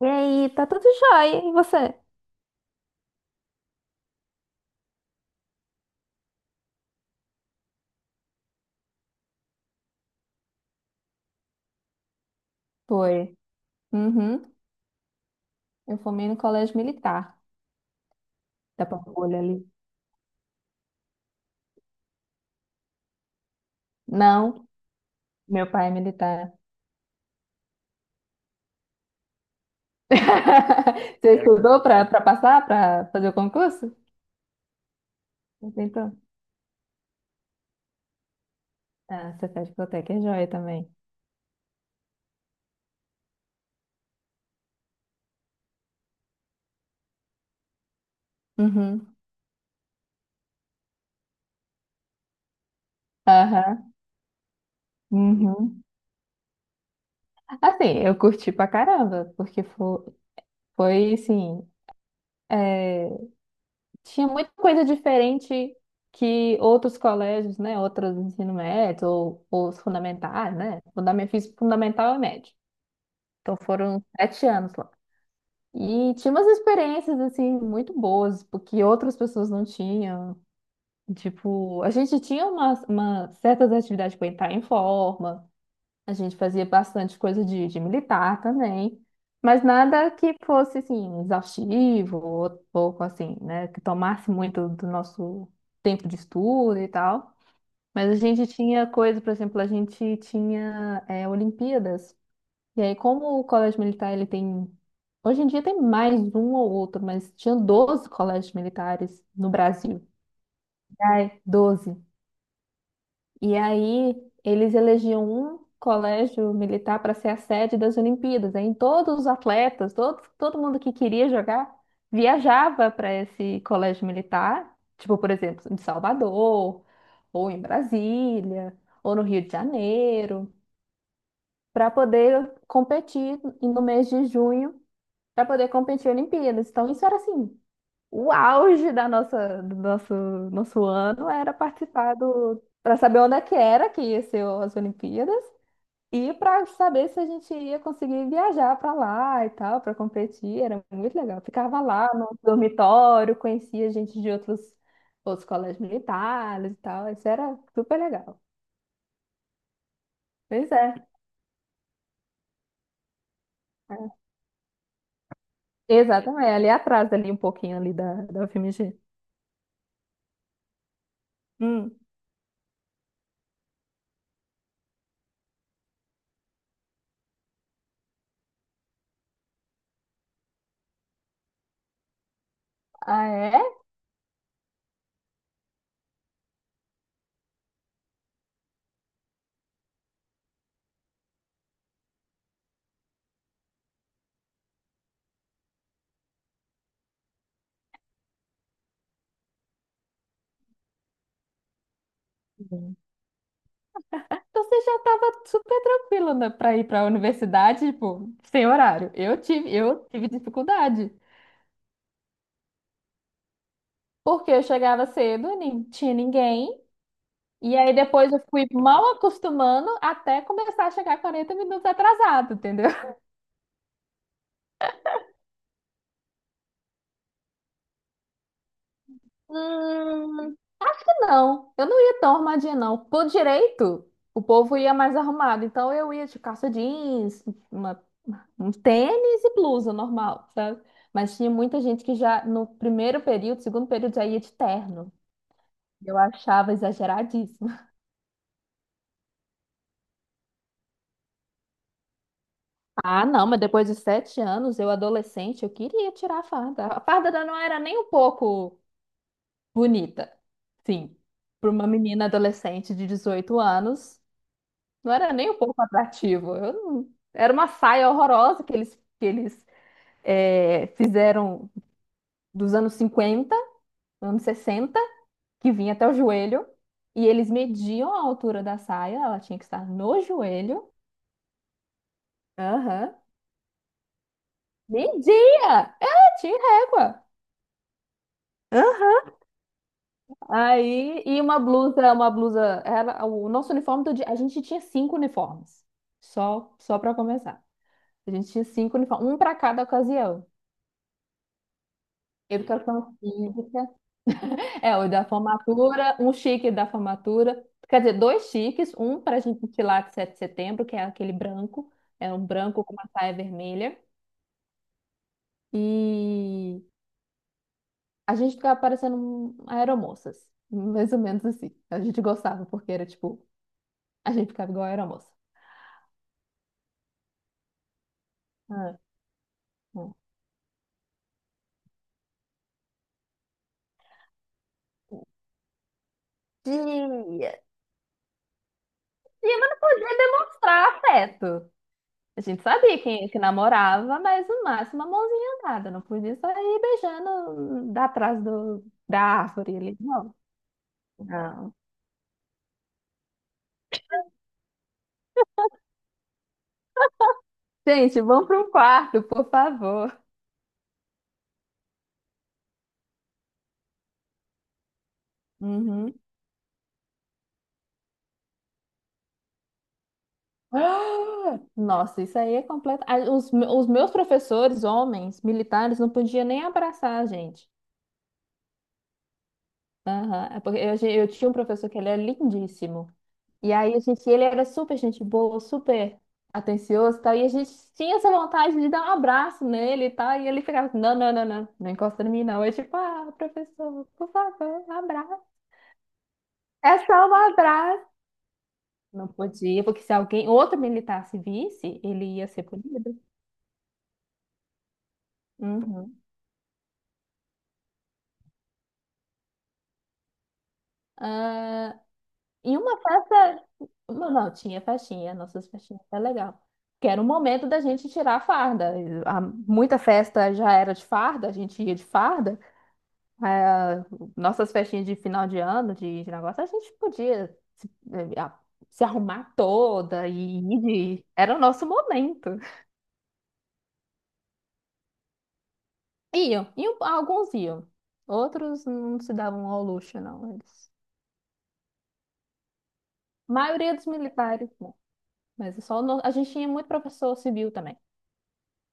E aí, tá tudo jóia. E você? Foi. Uhum. Eu formei no colégio militar da Pampulha ali. Não, meu pai é militar. Você estudou pra passar, pra fazer o concurso? Você tentou. Ah, você faz biblioteca, é joia também. Uhum. Aham. Uhum. Assim, eu curti pra caramba, porque foi assim, é, tinha muita coisa diferente que outros colégios, né? Outros ensino médio ou os fundamentais, né? Fundamental, fiz fundamental e médio. Então foram 7 anos lá. E tinha umas experiências, assim, muito boas, porque outras pessoas não tinham. Tipo, a gente tinha certas atividades para entrar em forma, a gente fazia bastante coisa de militar também, mas nada que fosse assim exaustivo ou pouco assim, né, que tomasse muito do nosso tempo de estudo e tal. Mas a gente tinha coisa, por exemplo, a gente tinha Olimpíadas. E aí, como o colégio militar ele tem. Hoje em dia tem mais um ou outro, mas tinha 12 colégios militares no Brasil. Ai, 12. E aí eles elegiam um colégio militar para ser a sede das Olimpíadas. Aí todos os atletas, todo mundo que queria jogar, viajava para esse colégio militar, tipo, por exemplo, em Salvador, ou em Brasília, ou no Rio de Janeiro, para poder competir no mês de junho, para poder competir em Olimpíadas. Então isso era assim, o auge da nosso ano era participar do, para saber onde é que era que ia ser as Olimpíadas e para saber se a gente ia conseguir viajar para lá e tal, para competir. Era muito legal. Ficava lá no dormitório, conhecia gente de outros colégios militares e tal. Isso era super legal. Pois é, é. Exatamente. Ali atrás, ali um pouquinho ali da UFMG. Hum. Ah, é? Então você já estava super tranquilo, né, para ir para a universidade, tipo, sem horário. Eu tive dificuldade, porque eu chegava cedo, nem tinha ninguém, e aí depois eu fui mal acostumando até começar a chegar 40 minutos atrasado, entendeu? Não, eu não ia tão arrumadinha, não. Por direito, o povo ia mais arrumado, então eu ia de calça jeans, uma, um tênis e blusa normal, sabe? Mas tinha muita gente que já no primeiro período, segundo período, já ia de terno. Eu achava exageradíssimo. Ah, não, mas depois de 7 anos, eu adolescente, eu queria tirar a farda. A farda não era nem um pouco bonita. Sim, para uma menina adolescente de 18 anos, não era nem um pouco atrativo. Eu não- Era uma saia horrorosa que eles, que eles fizeram dos anos 50, anos 60, que vinha até o joelho. E eles mediam a altura da saia, ela tinha que estar no joelho. Aham. Meio-dia! É, tinha régua. Aham. Aí, e uma blusa, era o nosso uniforme todo dia, a gente tinha cinco uniformes. Só para começar. A gente tinha cinco uniformes, um para cada ocasião. Educação física, o da formatura, um chique da formatura, quer dizer, dois chiques, um para a gente desfilar de 7 de setembro, que é aquele branco, é um branco com uma saia vermelha, e a gente ficava parecendo um aeromoças. Mais ou menos assim. A gente gostava, porque era tipo, a gente ficava igual a aeromoça. Ah, ah. Tia, tia, mas não podia demonstrar afeto. A gente sabia quem que namorava, mas no máximo uma mãozinha dada. Não podia sair beijando da trás da árvore ali. Não, não. Gente, vamos para um quarto, por favor. Uhum. Ah! Nossa, isso aí é completo. Ah, os meus professores, homens, militares, não podiam nem abraçar a gente. Aham, é porque eu tinha um professor que ele era lindíssimo. E aí, ele era super gente boa, super atencioso e tal. E a gente tinha essa vontade de dar um abraço nele e tal. E ele ficava assim, não, não, não, não, não encosta em mim, não. Eu tipo, ah, professor, por favor, um abraço. É só um abraço. Não podia, porque se alguém, outro militar se visse, ele ia ser punido. Uhum. Ah, e uma festa. Não, não, tinha festinha, nossas festinhas era legal. Que era o momento da gente tirar a farda. E muita festa já era de farda, a gente ia de farda. Ah, nossas festinhas de final de ano, de negócio, a gente podia se, eh, a- se arrumar toda e ir de. Era o nosso momento. Iam, iam, alguns iam. Outros não se davam ao luxo, não. Eles. A maioria dos militares, não. Mas só a gente tinha muito professor civil também.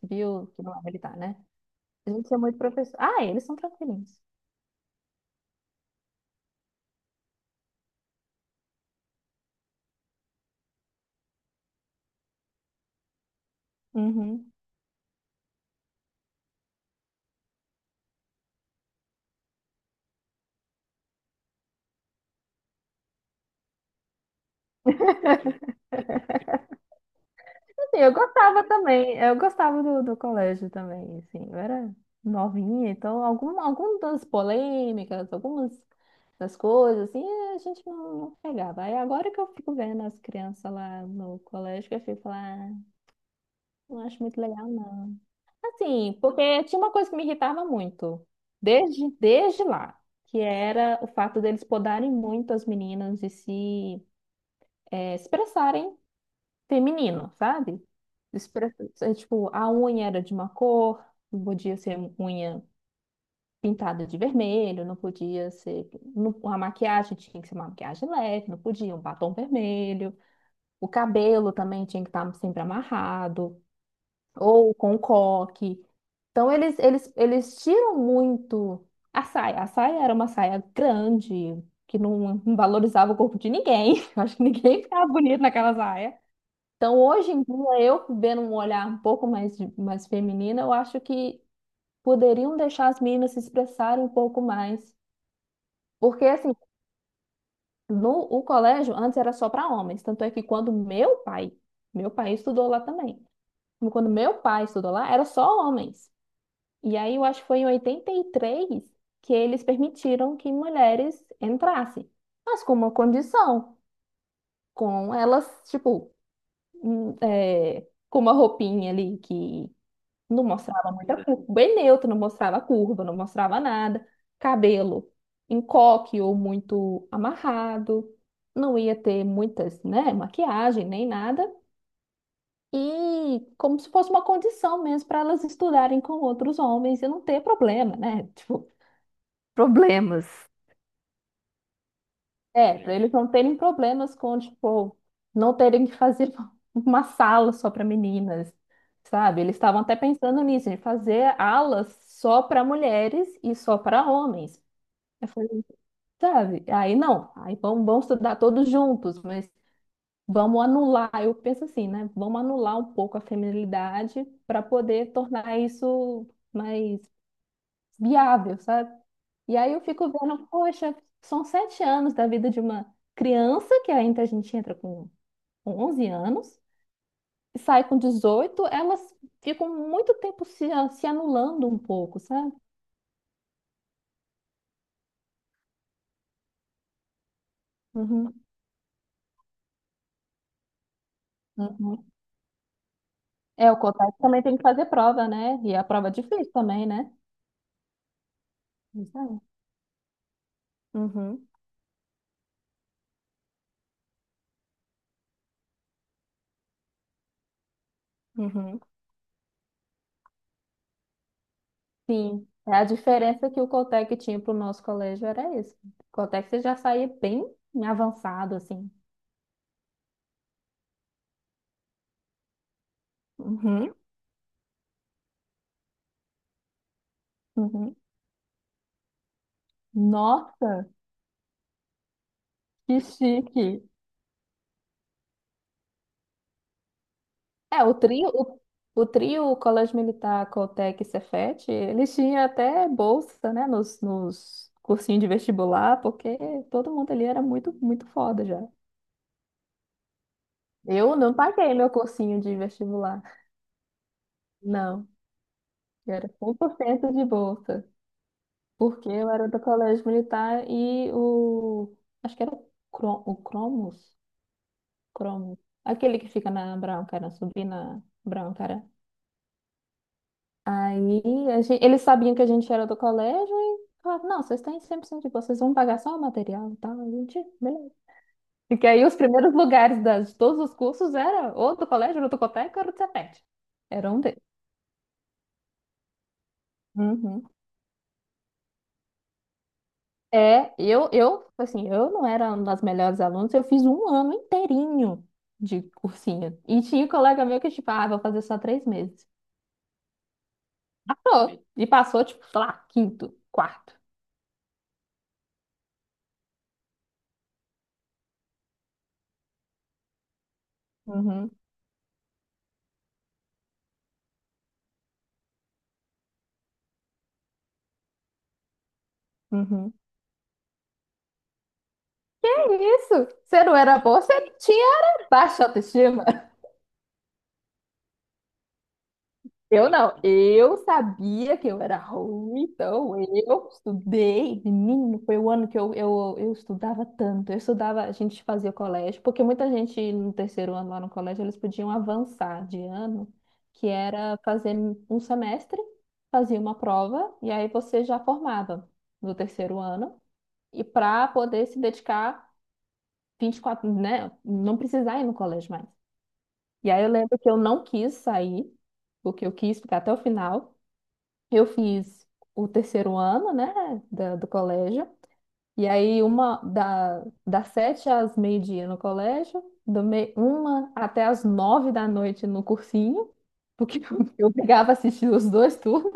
Civil, que não é militar, né? A gente tinha muito professor. Ah, eles são tranquilinhos. Uhum. Assim, eu gostava também, eu gostava do colégio também, assim, eu era novinha, então algumas polêmicas, algumas das coisas, assim, a gente não pegava. Aí agora que eu fico vendo as crianças lá no colégio, que eu fico lá, "Ah, não acho muito legal, não." Assim, porque tinha uma coisa que me irritava muito, desde lá, que era o fato deles podarem muito as meninas de se expressarem feminino, sabe? Tipo, a unha era de uma cor, não podia ser unha pintada de vermelho, não podia ser. A maquiagem tinha que ser uma maquiagem leve, não podia, um batom vermelho. O cabelo também tinha que estar sempre amarrado, ou com um coque. Então, eles tiram muito a saia. A saia era uma saia grande, que não valorizava o corpo de ninguém. Eu acho que ninguém ficava bonito naquela saia. Então, hoje em dia, eu vendo um olhar um pouco mais, mais feminino, eu acho que poderiam deixar as meninas se expressarem um pouco mais. Porque, assim, no o colégio, antes era só para homens. Tanto é que quando meu pai estudou lá também. Quando meu pai estudou lá, era só homens. E aí, eu acho que foi em 83 que eles permitiram que mulheres entrassem. Mas com uma condição, com elas, tipo, hum, é, com uma roupinha ali que não mostrava muita curva, bem neutro, não mostrava curva, não mostrava nada. Cabelo em coque ou muito amarrado, não ia ter muitas, né, maquiagem nem nada. E como se fosse uma condição mesmo para elas estudarem com outros homens e não ter problema, né? Tipo, problemas. É, para eles não terem problemas com, tipo, não terem que fazer uma sala só para meninas, sabe? Eles estavam até pensando nisso, de fazer alas só para mulheres e só para homens. Eu falei, sabe? Aí não, aí vamos estudar todos juntos, mas vamos anular. Eu penso assim, né? Vamos anular um pouco a feminilidade para poder tornar isso mais viável, sabe? E aí eu fico vendo, poxa, são sete anos da vida de uma criança, que ainda a gente entra com 11 anos, e sai com 18, elas ficam muito tempo se anulando um pouco, sabe? Uhum, uhum. É, o COTAC também tem que fazer prova, né? E a prova é difícil também, né? Isso aí. Uhum, uhum. Sim, a diferença que o Coltec tinha para o nosso colégio era isso. O Coltec você já saía bem avançado, assim. Uhum, uhum. Nossa, que chique. É, o trio Colégio Militar, Coltec e Cefet, eles tinham até bolsa, né, nos cursinhos de vestibular, porque todo mundo ali era muito, muito foda já. Eu não paguei meu cursinho de vestibular, não. Eu era 100% de bolsa, porque eu era do Colégio Militar e o. Acho que era o Cromos, Cromos, aquele que fica na Brown, cara, subir na Brown, cara. Aí eles sabiam que a gente era do colégio e falavam, não, vocês têm 100% de boa, vocês vão pagar só o material e tal. A gente, beleza. E que aí os primeiros lugares de todos os cursos era ou do colégio, ou do Cotec, ou do Cefet. Era um deles. Uhum. É, assim, eu não era uma das melhores alunas, eu fiz um ano inteirinho de cursinho. E tinha um colega meu que, tipo, ah, vou fazer só 3 meses. Passou. E passou, tipo, sei lá, quinto, quarto. Uhum, uhum. Isso, você não era boa, você tinha era baixa autoestima. Eu não, eu sabia que eu era ruim, então eu estudei, menino, foi o ano que eu estudava tanto, eu estudava, a gente fazia colégio, porque muita gente no terceiro ano lá no colégio, eles podiam avançar de ano, que era fazer um semestre, fazia uma prova, e aí você já formava no terceiro ano, e para poder se dedicar 24, né, não precisar ir no colégio mais. E aí eu lembro que eu não quis sair, porque eu quis ficar até o final. Eu fiz o terceiro ano, né, do colégio. E aí uma das 7 às meio-dia no colégio, do meio uma até às 9 da noite no cursinho, porque eu pegava assistir os dois turnos.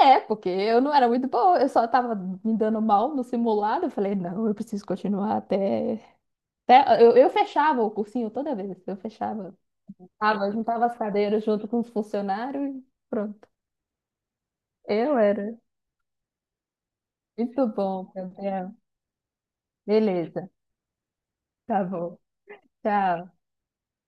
É, porque eu não era muito boa, eu só tava me dando mal no simulado. Eu falei, não, eu preciso continuar até. Eu fechava o cursinho toda vez, eu fechava. Tava, juntava as cadeiras junto com os funcionários e pronto. Eu era. Muito bom, Gabriel. Beleza. Tá bom. Tchau.